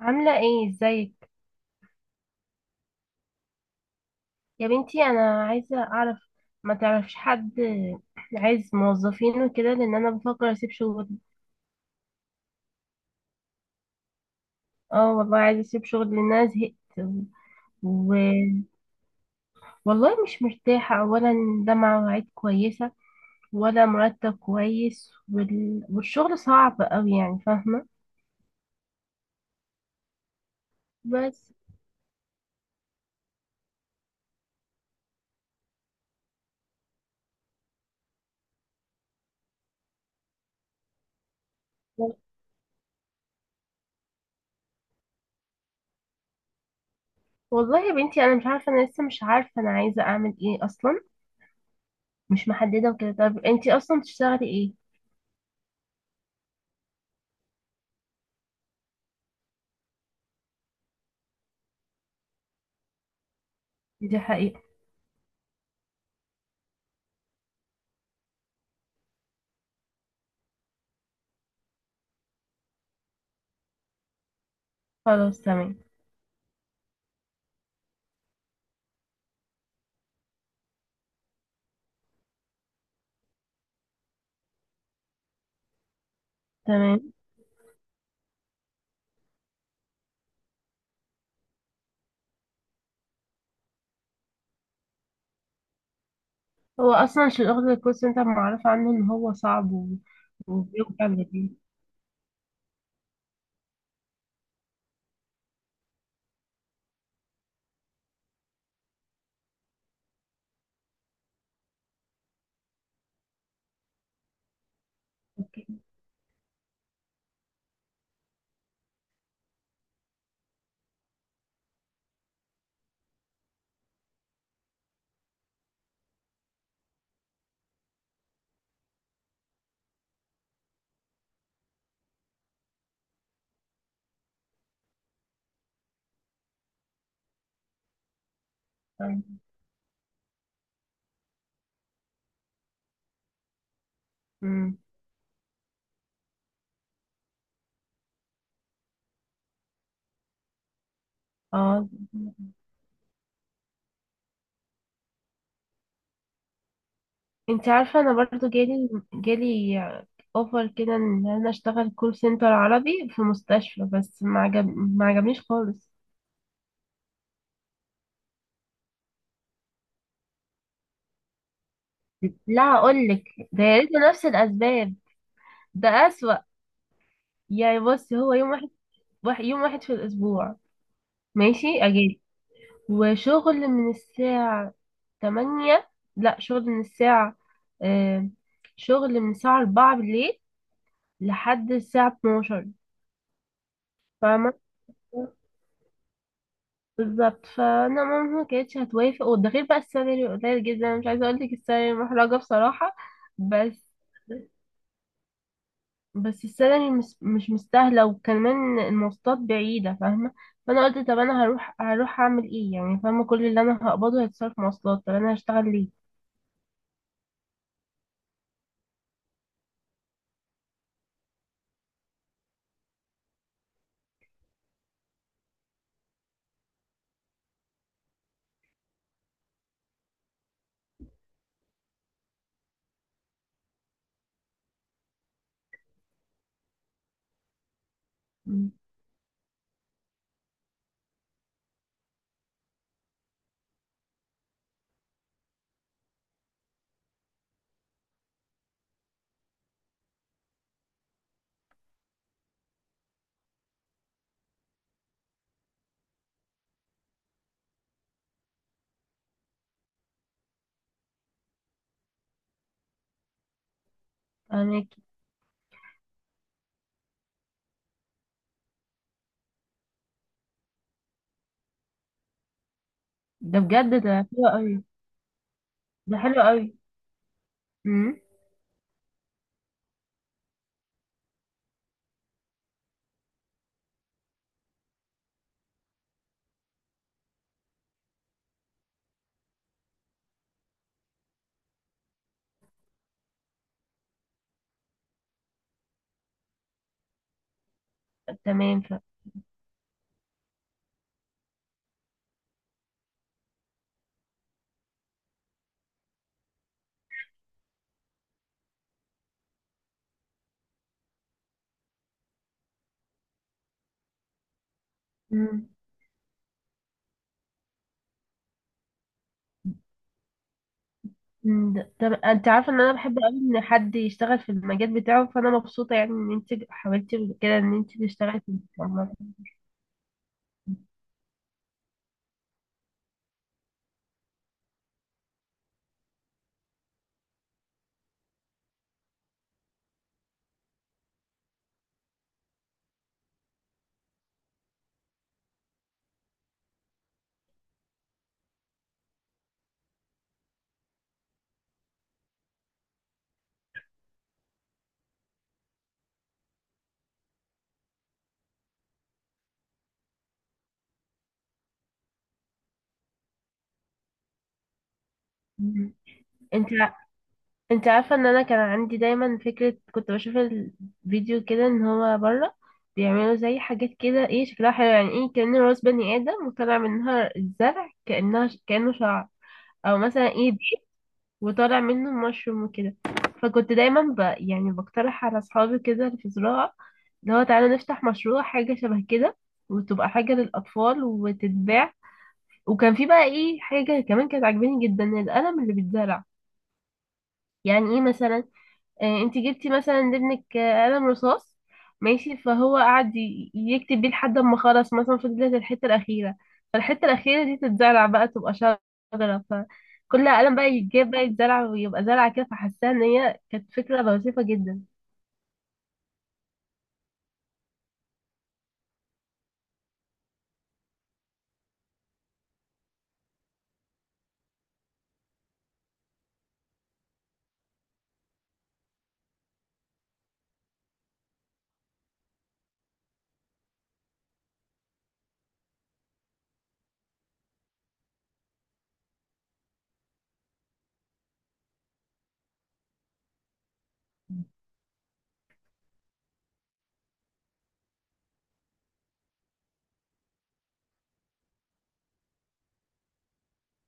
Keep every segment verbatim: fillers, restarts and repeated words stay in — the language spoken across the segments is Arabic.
عاملة ايه ازيك؟ يا بنتي انا عايزة اعرف، ما تعرفش حد عايز موظفين وكده لان انا بفكر اسيب شغل. اه والله عايزة اسيب شغل لان انا زهقت. و... والله مش مرتاحة اولا، ده مع مواعيد كويسة ولا مرتب كويس وال... والشغل صعب اوي يعني فاهمة. بس و- والله يا بنتي انا مش عارفة، انا لسه مش عارفة انا عايزة اعمل ايه اصلا، مش محددة وكده. طب انتي اصلا بتشتغلي ايه؟ دي حقيقة. خلاص تمام. تمام. هو اصلا شغل الكول سنتر معروف عنه ان هو صعب و- وبيوجع الجبين. مم. اه انت عارفه انا برضو جالي جالي اوفر كده ان انا اشتغل كول سنتر عربي في مستشفى بس ما عجب ما عجبنيش خالص. لا اقول لك، ده يا ريت نفس الاسباب، ده اسوأ. يعني بص هو يوم واحد، واحد- يوم واحد في الاسبوع، ماشي اجازه، وشغل من الساعه تمانية لا شغل من الساعة، آه شغل من الساعة أربعة بالليل لحد الساعة اتناشر. فاهمة؟ بالظبط، فأنا ماما ما كانتش هتوافق، وده غير بقى السالري قليل جدا، أنا مش عايزة أقولك السالري محرجة بصراحة. بس بس السالري مش مش مستاهلة، وكمان المواصلات بعيدة فاهمة. فأنا قلت طب أنا هروح هروح أعمل إيه يعني، فاهمة؟ كل اللي أنا هقبضه هيتصرف مواصلات، طب أنا هشتغل ليه؟ مم. فاهمك. ده بجد ده حلو أوي. ده حلو أوي. تمام. ف مم. مم. ده- طب انت عارفه ان انا بحب قوي ان حد يشتغل في المجال بتاعه، فانا مبسوطه يعني ان انت حاولتي كده ان انت تشتغلي في المجال. مم. انت، انت عارفة ان انا كان عندي دايما فكرة، كنت بشوف الفيديو كده ان هو بره بيعملوا زي حاجات كده ايه شكلها حلو، يعني ايه كأن راس بني ادم وطالع منها الزرع كأنها كأنه شعر. او مثلا ايه دي وطالع منه مشروم وكده. فكنت دايما ب... يعني بقترح على اصحابي كده اللي في زراعة، اللي هو تعالى نفتح مشروع حاجة شبه كده، وتبقى حاجة للأطفال وتتباع. وكان في بقى ايه حاجة كمان كانت عاجباني جدا، القلم اللي بيتزرع. يعني ايه مثلا، آه، انت جبتي مثلا لابنك آه، قلم رصاص ماشي، فهو قعد ي- يكتب بيه لحد ما خلص مثلا، فضلت الحته الاخيره، فالحته الاخيره دي تتزرع بقى تبقى شجره، فكل قلم بقى يتجاب بقى يتزرع ويبقى زرعه كده. فحاساها ان هي كانت فكره لطيفه جدا.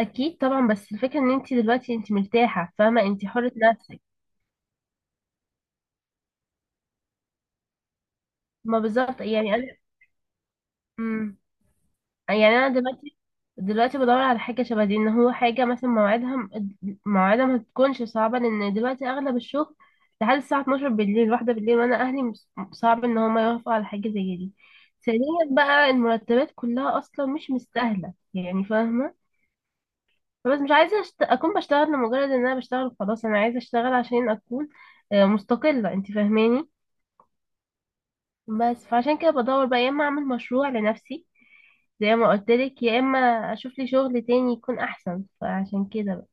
اكيد طبعا، بس الفكره ان انت دلوقتي انت مرتاحه فاهمه، انت حره نفسك. ما بالظبط يعني انا. مم. يعني انا دلوقتي دلوقتي بدور على حاجه شبه دي، ان هو حاجه مثلا مواعيدها م- مواعيدها ما تكونش صعبه، لان دلوقتي اغلب الشغل لحد الساعه اثنا عشر بالليل، واحده بالليل، وانا اهلي مس- صعب ان هم يوافقوا على حاجه زي دي. ثانيا بقى، المرتبات كلها اصلا مش مستاهله يعني فاهمه. بس مش عايزه أشت... اكون بشتغل لمجرد ان انا بشتغل خلاص، انا عايزه اشتغل عشان اكون آه، مستقله، انت فاهماني. بس فعشان كده بدور بقى يا اما اعمل مشروع لنفسي زي ما قلت لك، يا اما اشوف لي شغل تاني يكون احسن، فعشان كده بقى.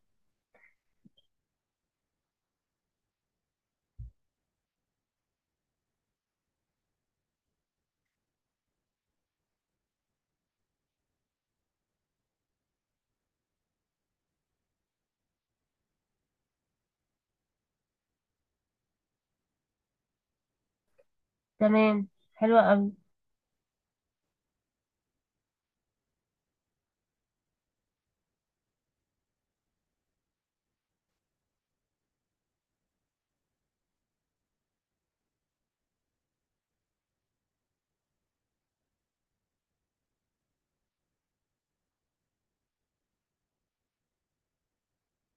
تمام. حلوة قوي.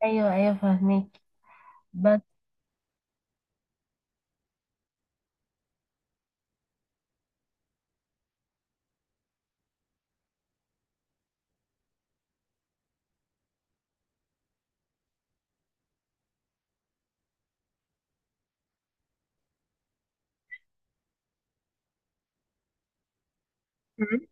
ايوه ايوه فاهمك. بس. مم.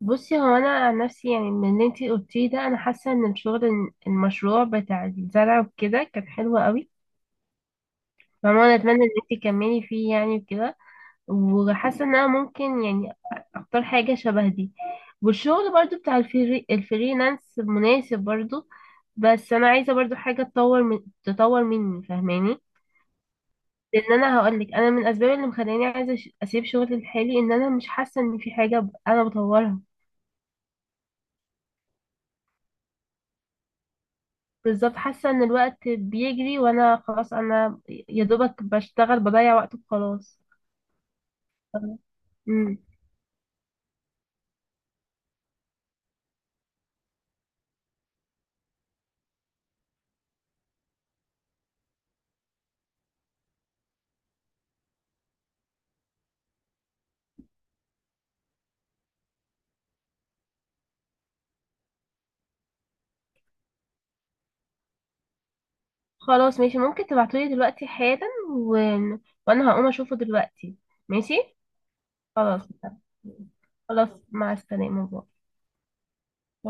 بصي هو انا عن نفسي يعني من اللي انتي قلتيه ده، انا حاسه ان الشغل، المشروع بتاع الزرع وكده كان حلو قوي، فما انا اتمنى ان انتي تكملي فيه يعني وكده. وحاسه ان انا ممكن يعني اختار حاجه شبه دي. والشغل برضو بتاع الفري الفريلانس مناسب برضو. بس انا عايزه برضو حاجه تطور من، تطور مني فاهماني. لان انا هقول لك، انا من الاسباب اللي مخلاني عايزه أش- اسيب شغلي الحالي ان انا مش حاسه ان في حاجه ب- انا بطورها. بالظبط حاسه ان الوقت بيجري وانا خلاص، انا يا دوبك بشتغل بضيع وقت وخلاص. امم خلاص ماشي، ممكن تبعتولي دلوقتي حالا و... وانا هقوم اشوفه دلوقتي. ماشي. خلاص. خلاص مع السلامه باي.